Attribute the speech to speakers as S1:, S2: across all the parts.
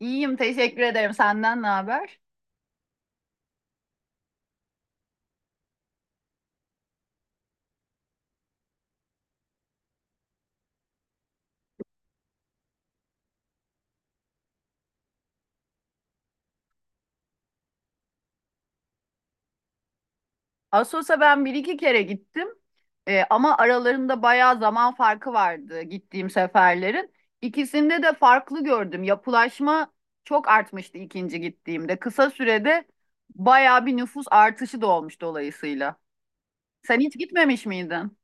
S1: İyiyim, teşekkür ederim. Senden ne haber? Assos'a ben bir iki kere gittim. Ama aralarında bayağı zaman farkı vardı gittiğim seferlerin. İkisinde de farklı gördüm. Yapılaşma çok artmıştı ikinci gittiğimde. Kısa sürede bayağı bir nüfus artışı da olmuş dolayısıyla. Sen hiç gitmemiş miydin?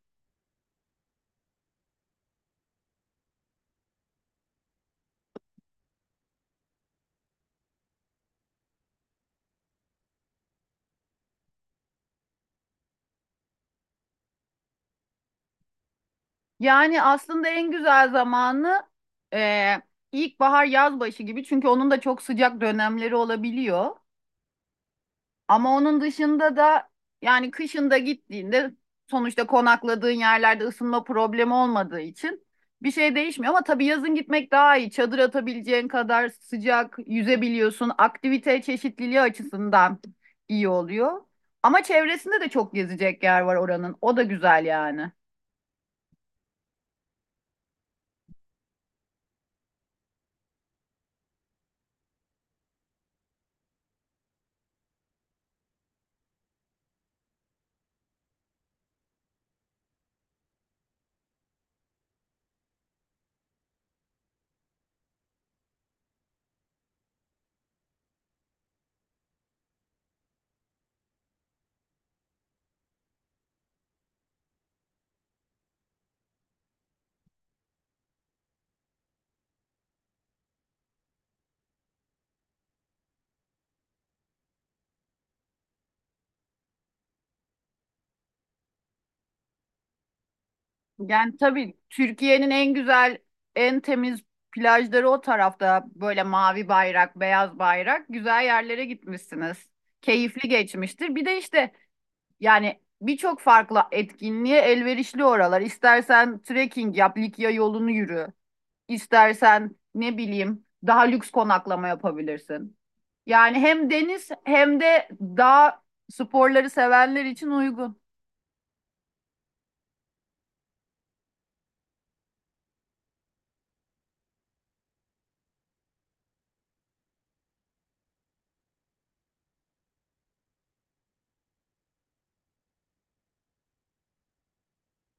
S1: Yani aslında en güzel zamanı e, ilkbahar yaz başı gibi. Çünkü onun da çok sıcak dönemleri olabiliyor. Ama onun dışında da yani kışında gittiğinde sonuçta konakladığın yerlerde ısınma problemi olmadığı için bir şey değişmiyor. Ama tabii yazın gitmek daha iyi. Çadır atabileceğin kadar sıcak, yüzebiliyorsun. Aktivite çeşitliliği açısından iyi oluyor. Ama çevresinde de çok gezecek yer var oranın. O da güzel yani. Yani tabii Türkiye'nin en güzel, en temiz plajları o tarafta. Böyle mavi bayrak, beyaz bayrak. Güzel yerlere gitmişsiniz. Keyifli geçmiştir. Bir de işte yani birçok farklı etkinliğe elverişli oralar. İstersen trekking yap, Likya yolunu yürü. İstersen ne bileyim daha lüks konaklama yapabilirsin. Yani hem deniz hem de dağ sporları sevenler için uygun.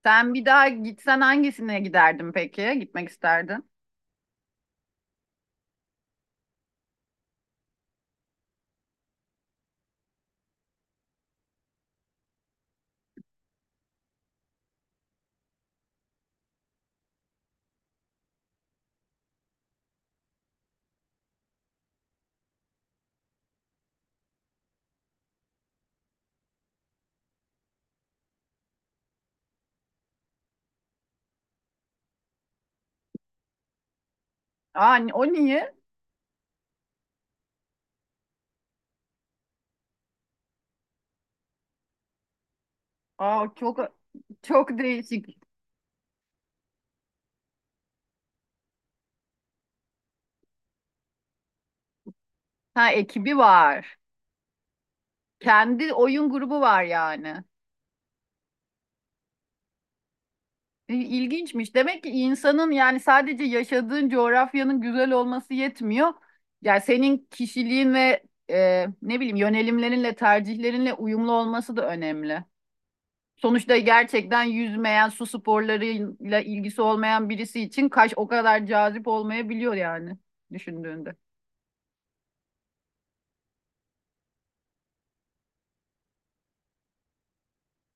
S1: Sen bir daha gitsen hangisine giderdin peki? Gitmek isterdin. Aa, o niye? Aa, çok değişik. Ha ekibi var. Kendi oyun grubu var yani. İlginçmiş. Demek ki insanın yani sadece yaşadığın coğrafyanın güzel olması yetmiyor. Yani senin kişiliğin ve ne bileyim yönelimlerinle, tercihlerinle uyumlu olması da önemli. Sonuçta gerçekten yüzmeyen, su sporlarıyla ilgisi olmayan birisi için Kaş o kadar cazip olmayabiliyor yani düşündüğünde.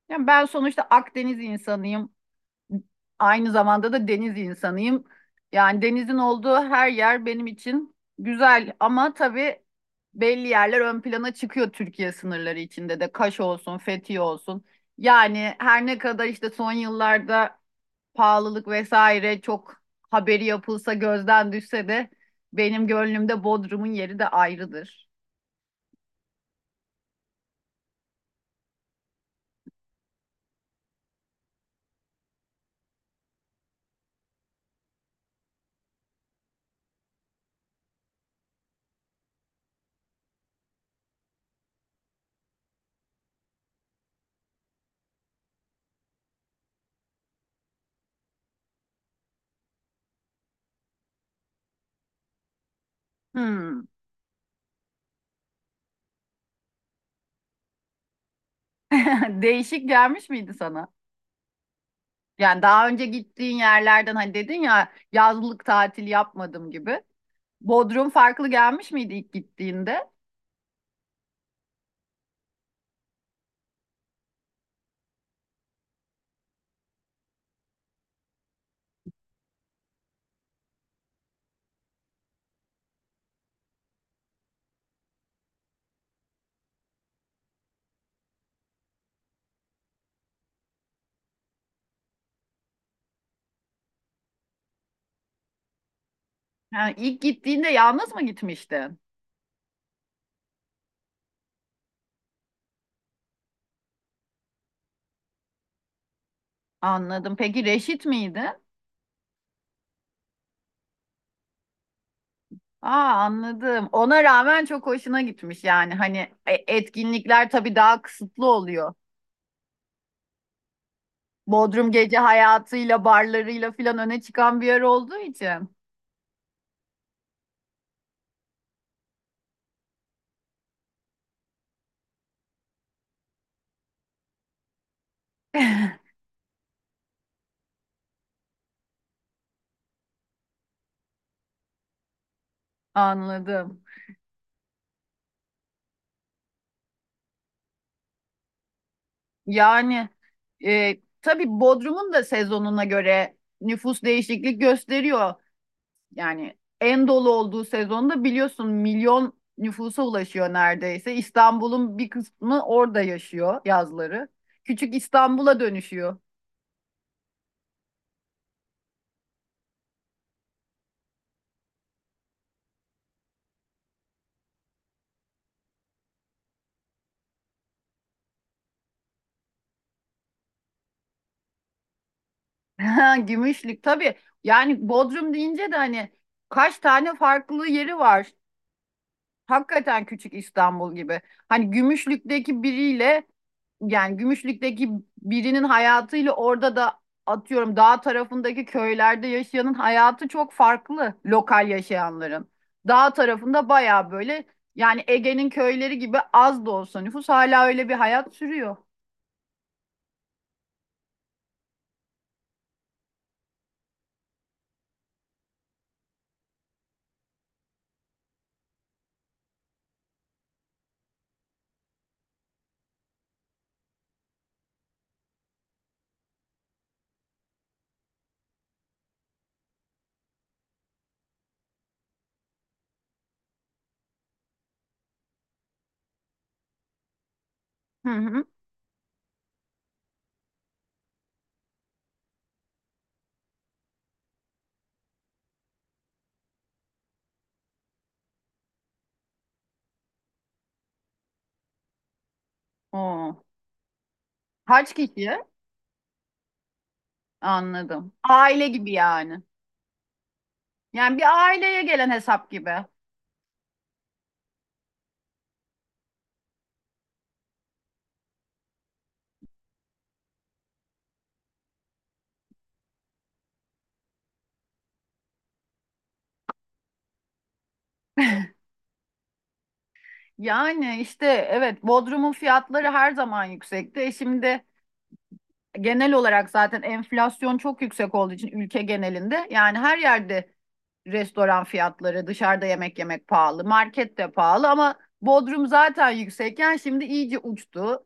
S1: Yani ben sonuçta Akdeniz insanıyım. Aynı zamanda da deniz insanıyım. Yani denizin olduğu her yer benim için güzel ama tabii belli yerler ön plana çıkıyor Türkiye sınırları içinde de. Kaş olsun, Fethiye olsun. Yani her ne kadar işte son yıllarda pahalılık vesaire çok haberi yapılsa gözden düşse de benim gönlümde Bodrum'un yeri de ayrıdır. Hmm. Değişik gelmiş miydi sana? Yani daha önce gittiğin yerlerden hani dedin ya yazlık tatil yapmadım gibi. Bodrum farklı gelmiş miydi ilk gittiğinde? Yani ilk gittiğinde yalnız mı gitmiştin? Anladım. Peki reşit miydi? Aa, anladım. Ona rağmen çok hoşuna gitmiş yani. Hani etkinlikler tabii daha kısıtlı oluyor. Bodrum gece hayatıyla, barlarıyla filan öne çıkan bir yer olduğu için. Anladım. Yani tabii Bodrum'un da sezonuna göre nüfus değişiklik gösteriyor. Yani en dolu olduğu sezonda biliyorsun milyon nüfusa ulaşıyor neredeyse. İstanbul'un bir kısmı orada yaşıyor yazları. Küçük İstanbul'a dönüşüyor. Ha, Gümüşlük tabii. Yani Bodrum deyince de hani kaç tane farklı yeri var. Hakikaten küçük İstanbul gibi. Hani Gümüşlük'teki biriyle yani Gümüşlük'teki birinin hayatıyla orada da atıyorum dağ tarafındaki köylerde yaşayanın hayatı çok farklı lokal yaşayanların. Dağ tarafında baya böyle yani Ege'nin köyleri gibi az da olsa nüfus hala öyle bir hayat sürüyor. Hı hı. Oo. Kaç kişi? Anladım. Aile gibi yani. Yani bir aileye gelen hesap gibi. Yani işte evet, Bodrum'un fiyatları her zaman yüksekti. E şimdi genel olarak zaten enflasyon çok yüksek olduğu için ülke genelinde yani her yerde restoran fiyatları, dışarıda yemek yemek pahalı, market de pahalı ama Bodrum zaten yüksekken şimdi iyice uçtu,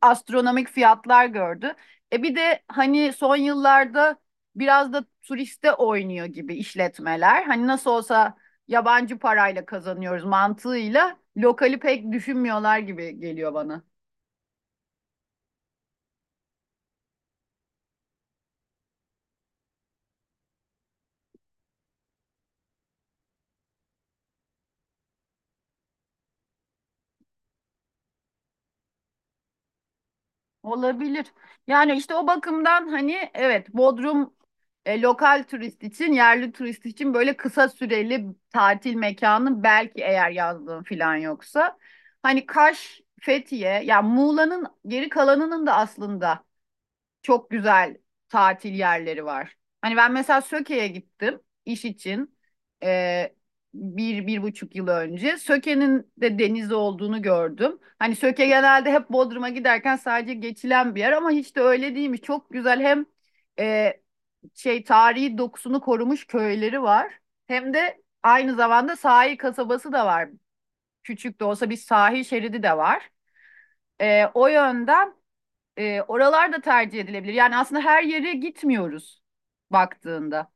S1: astronomik fiyatlar gördü. E bir de hani son yıllarda biraz da turiste oynuyor gibi işletmeler. Hani nasıl olsa yabancı parayla kazanıyoruz mantığıyla lokali pek düşünmüyorlar gibi geliyor bana. Olabilir. Yani işte o bakımdan hani evet Bodrum lokal turist için, yerli turist için böyle kısa süreli tatil mekanı belki eğer yazdığın falan yoksa. Hani Kaş, Fethiye, ya Muğla'nın geri kalanının da aslında çok güzel tatil yerleri var. Hani ben mesela Söke'ye gittim iş için e, bir, 1,5 yıl önce. Söke'nin de denizi olduğunu gördüm. Hani Söke genelde hep Bodrum'a giderken sadece geçilen bir yer ama hiç de öyle değilmiş. Çok güzel hem e, şey tarihi dokusunu korumuş köyleri var hem de aynı zamanda sahil kasabası da var. Küçük de olsa bir sahil şeridi de var. O yönden oralar da tercih edilebilir. Yani aslında her yere gitmiyoruz baktığında.